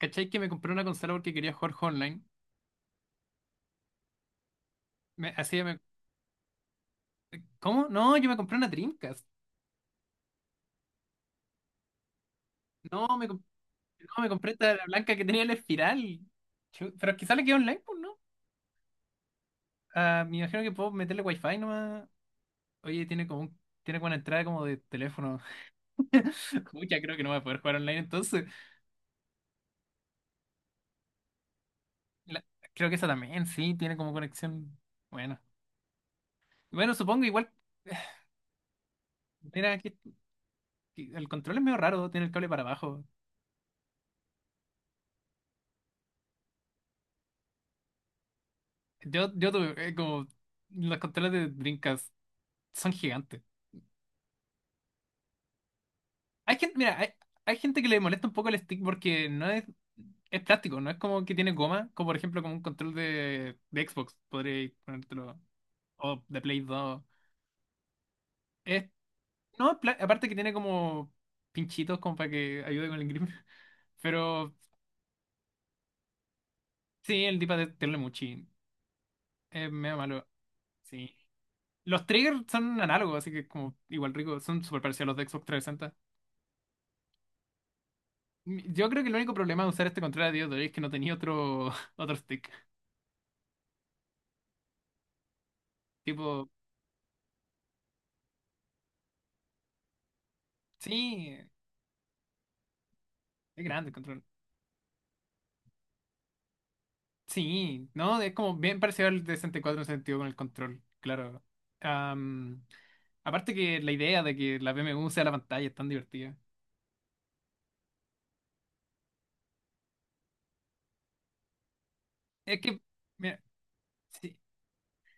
¿Cachai que me compré una consola porque quería jugar online? Me, así que me, ¿Cómo? No, yo me compré una Dreamcast. No, me, comp- no, me compré esta la blanca que tenía la espiral. Pero quizá le queda online, pues, ¿no? Ah, me imagino que puedo meterle wifi nomás. Oye, tiene como una entrada como de teléfono. Mucha, creo que no voy a poder jugar online entonces. La- Creo que esa también, sí, tiene como conexión. Bueno. Bueno, supongo igual. Mira, que el control es medio raro, tiene el cable para abajo. Yo tuve como los controles de Dreamcast son gigantes. Hay gente, mira, hay, hay gente que le molesta un poco el stick porque no es, es plástico, no es como que tiene goma, como por ejemplo como un control de Xbox, podréis ponértelo, o de Play 2. Es, no, es pla- Aparte que tiene como pinchitos como para que ayude con el grip. Pero sí, el dipa de Terlemuchi es medio malo, sí. Los triggers son análogos, así que es como igual rico, son súper parecidos a los de Xbox 360. Yo creo que el único problema de usar este control a día de hoy es que no tenía otro, otro stick. Tipo, Sí, es grande el control. Sí, ¿no? Es como bien parecido al de 64 en ese sentido con el control, claro. Am, Aparte que la idea de que la BMW sea la pantalla es tan divertida. Es que, mira, sí.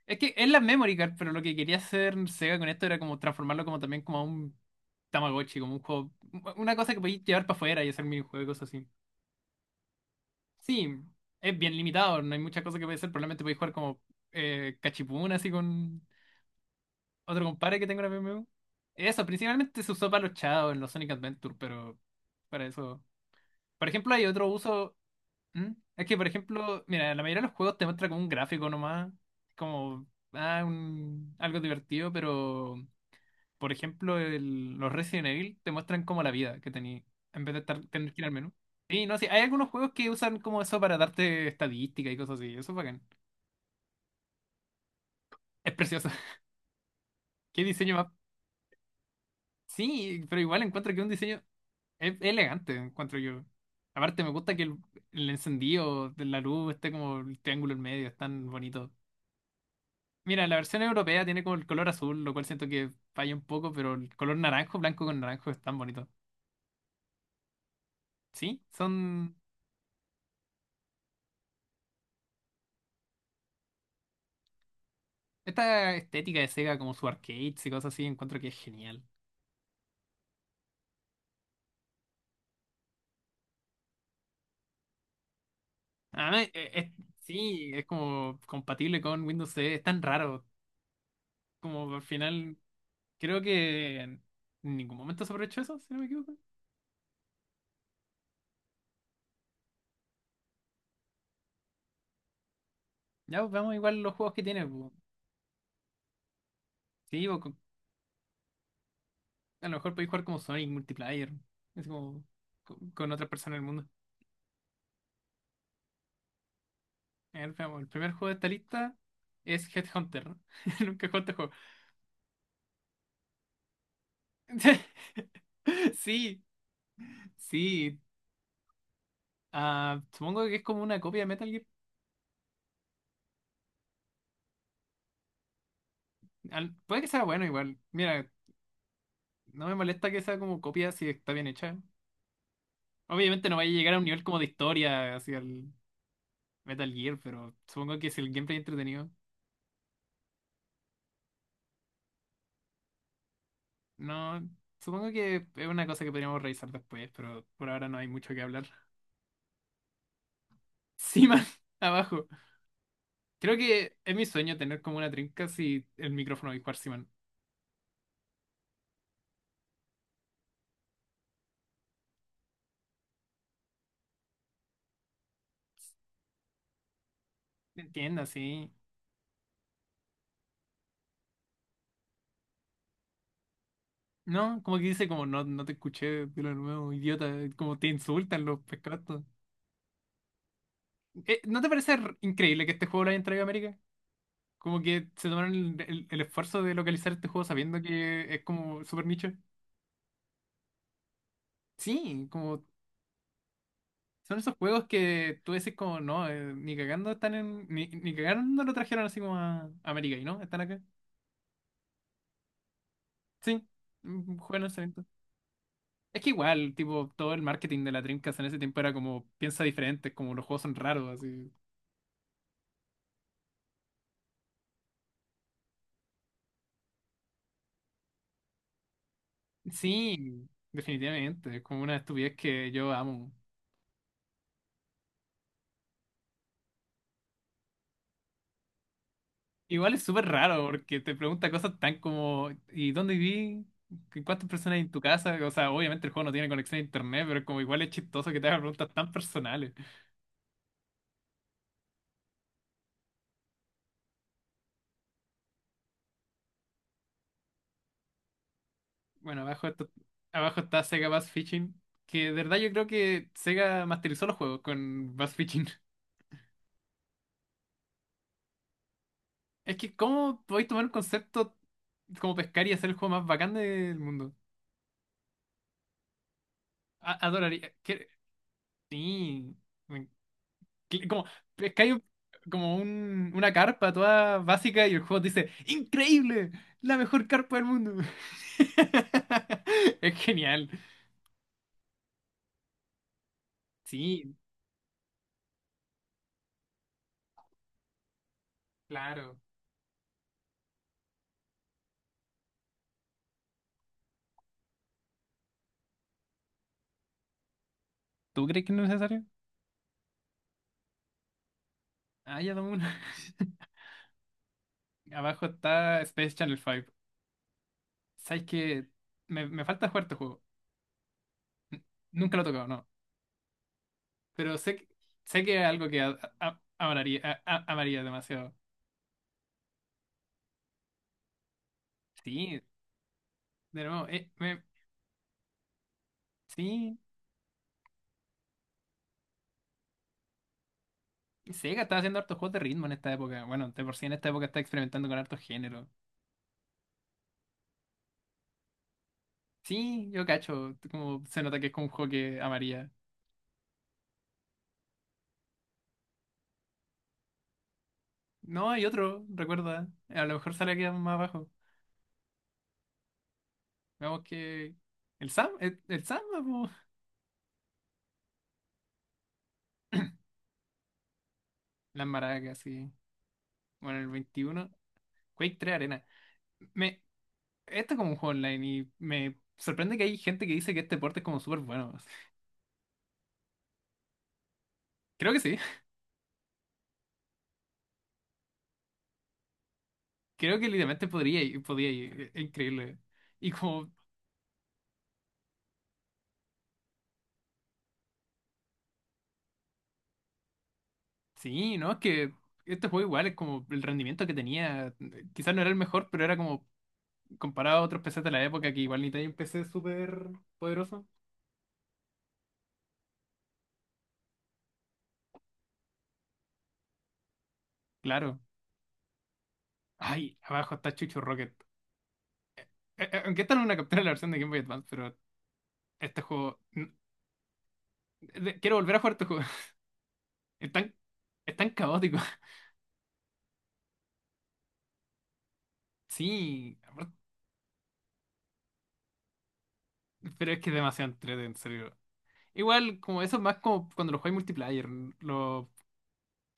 Es que es la memory card, pero lo que quería hacer Sega con esto era como transformarlo como también como a un Tamagotchi, como un juego, una cosa que podéis llevar para afuera y hacer minijuegos y cosas así. Sí, es bien limitado, no hay muchas cosas que podéis hacer, probablemente podéis jugar como cachipún así con, otro compadre que tengo una BMW. Eso, principalmente se usó para los chavos en los Sonic Adventure, pero para eso. Por ejemplo, hay otro uso. ¿Mm? Es que, por ejemplo, mira, la mayoría de los juegos te muestra como un gráfico nomás, como algo divertido, pero por ejemplo, los Resident Evil te muestran como la vida que tenía en vez de estar, tener que ir al menú. Sí, no, sí, hay algunos juegos que usan como eso para darte estadística y cosas así, eso es bacán. Es precioso. Qué diseño más. Sí, pero igual encuentro que un diseño. Es elegante, encuentro yo. Aparte, me gusta que el encendido de la luz esté como el triángulo en medio, es tan bonito. Mira, la versión europea tiene como el color azul, lo cual siento que falla un poco, pero el color naranjo, blanco con naranjo es tan bonito. Sí, son... Esta estética de Sega, como su arcades y cosas así, encuentro que es genial. Además, sí, es como compatible con Windows CE, es tan raro. Como al final, creo que en ningún momento se aprovechó eso, si no me equivoco. Ya, pues, veamos igual los juegos que tiene, pues. Sí, a lo mejor podéis jugar como Sonic multiplayer. Es como con, otra persona del mundo. A ver, veamos, el primer juego de esta lista es Headhunter. Nunca he jugado este juego. Sí, sí. Ah, supongo que es como una copia de Metal Gear. Puede que sea bueno igual. Mira, no me molesta que sea como copia si está bien hecha. Obviamente no vaya a llegar a un nivel como de historia hacia el Metal Gear, pero supongo que si el gameplay es entretenido. No, supongo que es una cosa que podríamos revisar después, pero por ahora no hay mucho que hablar. Seaman, abajo. Creo que es mi sueño tener como una trinca si el micrófono dispar Seaman. Entienda, sí. No, como que dice como no, no te escuché de lo nuevo, idiota, como te insultan los pescados. ¿No te parece increíble que este juego lo hayan traído a América? Como que se tomaron el, el esfuerzo de localizar este juego sabiendo que es como super nicho. Sí, como son esos juegos que tú decís como no, ni cagando están en, ni cagando lo trajeron así como a América y no, están acá. Sí, juegan en. Es que igual, tipo, todo el marketing de la Dreamcast en ese tiempo era como, piensa diferente, como los juegos son raros, así. Sí, definitivamente, es como una estupidez que yo amo. Igual es súper raro porque te pregunta cosas tan como, ¿y dónde viví? ¿Cuántas personas hay en tu casa? O sea, obviamente el juego no tiene conexión a internet, pero como igual es chistoso que te hagan preguntas tan personales. Bueno, abajo, abajo está Sega Bass Fishing, que de verdad yo creo que Sega masterizó los juegos con Bass Fishing. Es que, ¿cómo podéis tomar un concepto como pescar y hacer el juego más bacán del mundo? Adoraría. Sí. me- Como, pescáis una carpa toda básica y el juego te dice: ¡Increíble! ¡La mejor carpa del mundo! Es genial. Sí, claro. ¿Tú crees que no es necesario? Ah, ya dame una. Abajo está Space Channel 5. ¿Sabes que me falta jugar este juego? N- Nunca lo he tocado, no. Pero sé, sé que es algo que amaría, amaría demasiado. Sí, de nuevo, sí, Sega está haciendo hartos juegos de ritmo en esta época. Bueno, de por sí en esta época está experimentando con hartos géneros. Sí, yo cacho, como se nota que es como un juego que amaría. No, hay otro, recuerda. A lo mejor sale aquí más abajo. Veamos que... El Samba, po. Las maracas, sí. Bueno, el 21, Quake 3 Arena. Me, Este es como un juego online y me sorprende que hay gente que dice que este deporte es como súper bueno. Creo que sí. Creo que literalmente podría ir, podría ir. Es increíble. Y como, sí, ¿no? Es que este juego igual es como el rendimiento que tenía. Quizás no era el mejor, pero era como comparado a otros PCs de la época que igual ni tenía un PC súper poderoso. Claro. Ay, abajo está Chucho Rocket. Aunque esta no es una captura de la versión de Game Boy Advance, pero este juego... Quiero volver a jugar este juego. Es tan, es tan caótico. Sí, pero es que es demasiado entretenido, en serio. Igual, como eso es más como cuando lo juegas multiplayer. Lo,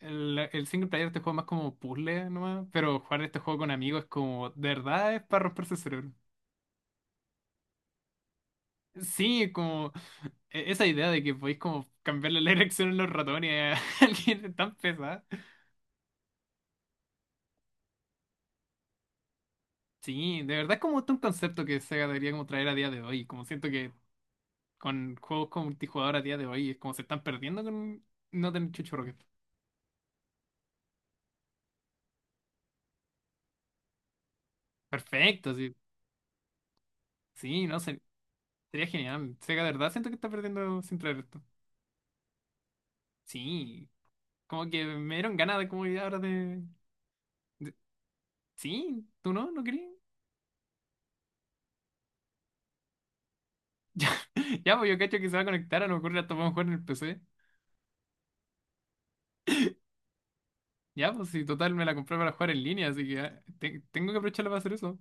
el single player te juega más como puzzle nomás. Pero jugar este juego con amigos es como, de verdad, es para romperse el cerebro. Sí, como esa idea de que podéis como cambiarle la dirección en los ratones a alguien es tan pesada. Sí, de verdad es como un concepto que Sega debería como traer a día de hoy. Como siento que con juegos con multijugador a día de hoy es como se están perdiendo con no tener Chucho Rocket. Perfecto, sí. Sí, no sé. Sería genial. O sea, de verdad siento que está perdiendo sin traer esto. Sí, como que me dieron ganas de como ya ahora de... de- Sí, ¿tú no? ¿No crees? Ya, ya, pues yo cacho que se va a conectar, a lo mejor hasta podemos jugar en el PC. Ya, pues si total me la compré para jugar en línea, así que ah, tengo que aprovecharla para hacer eso.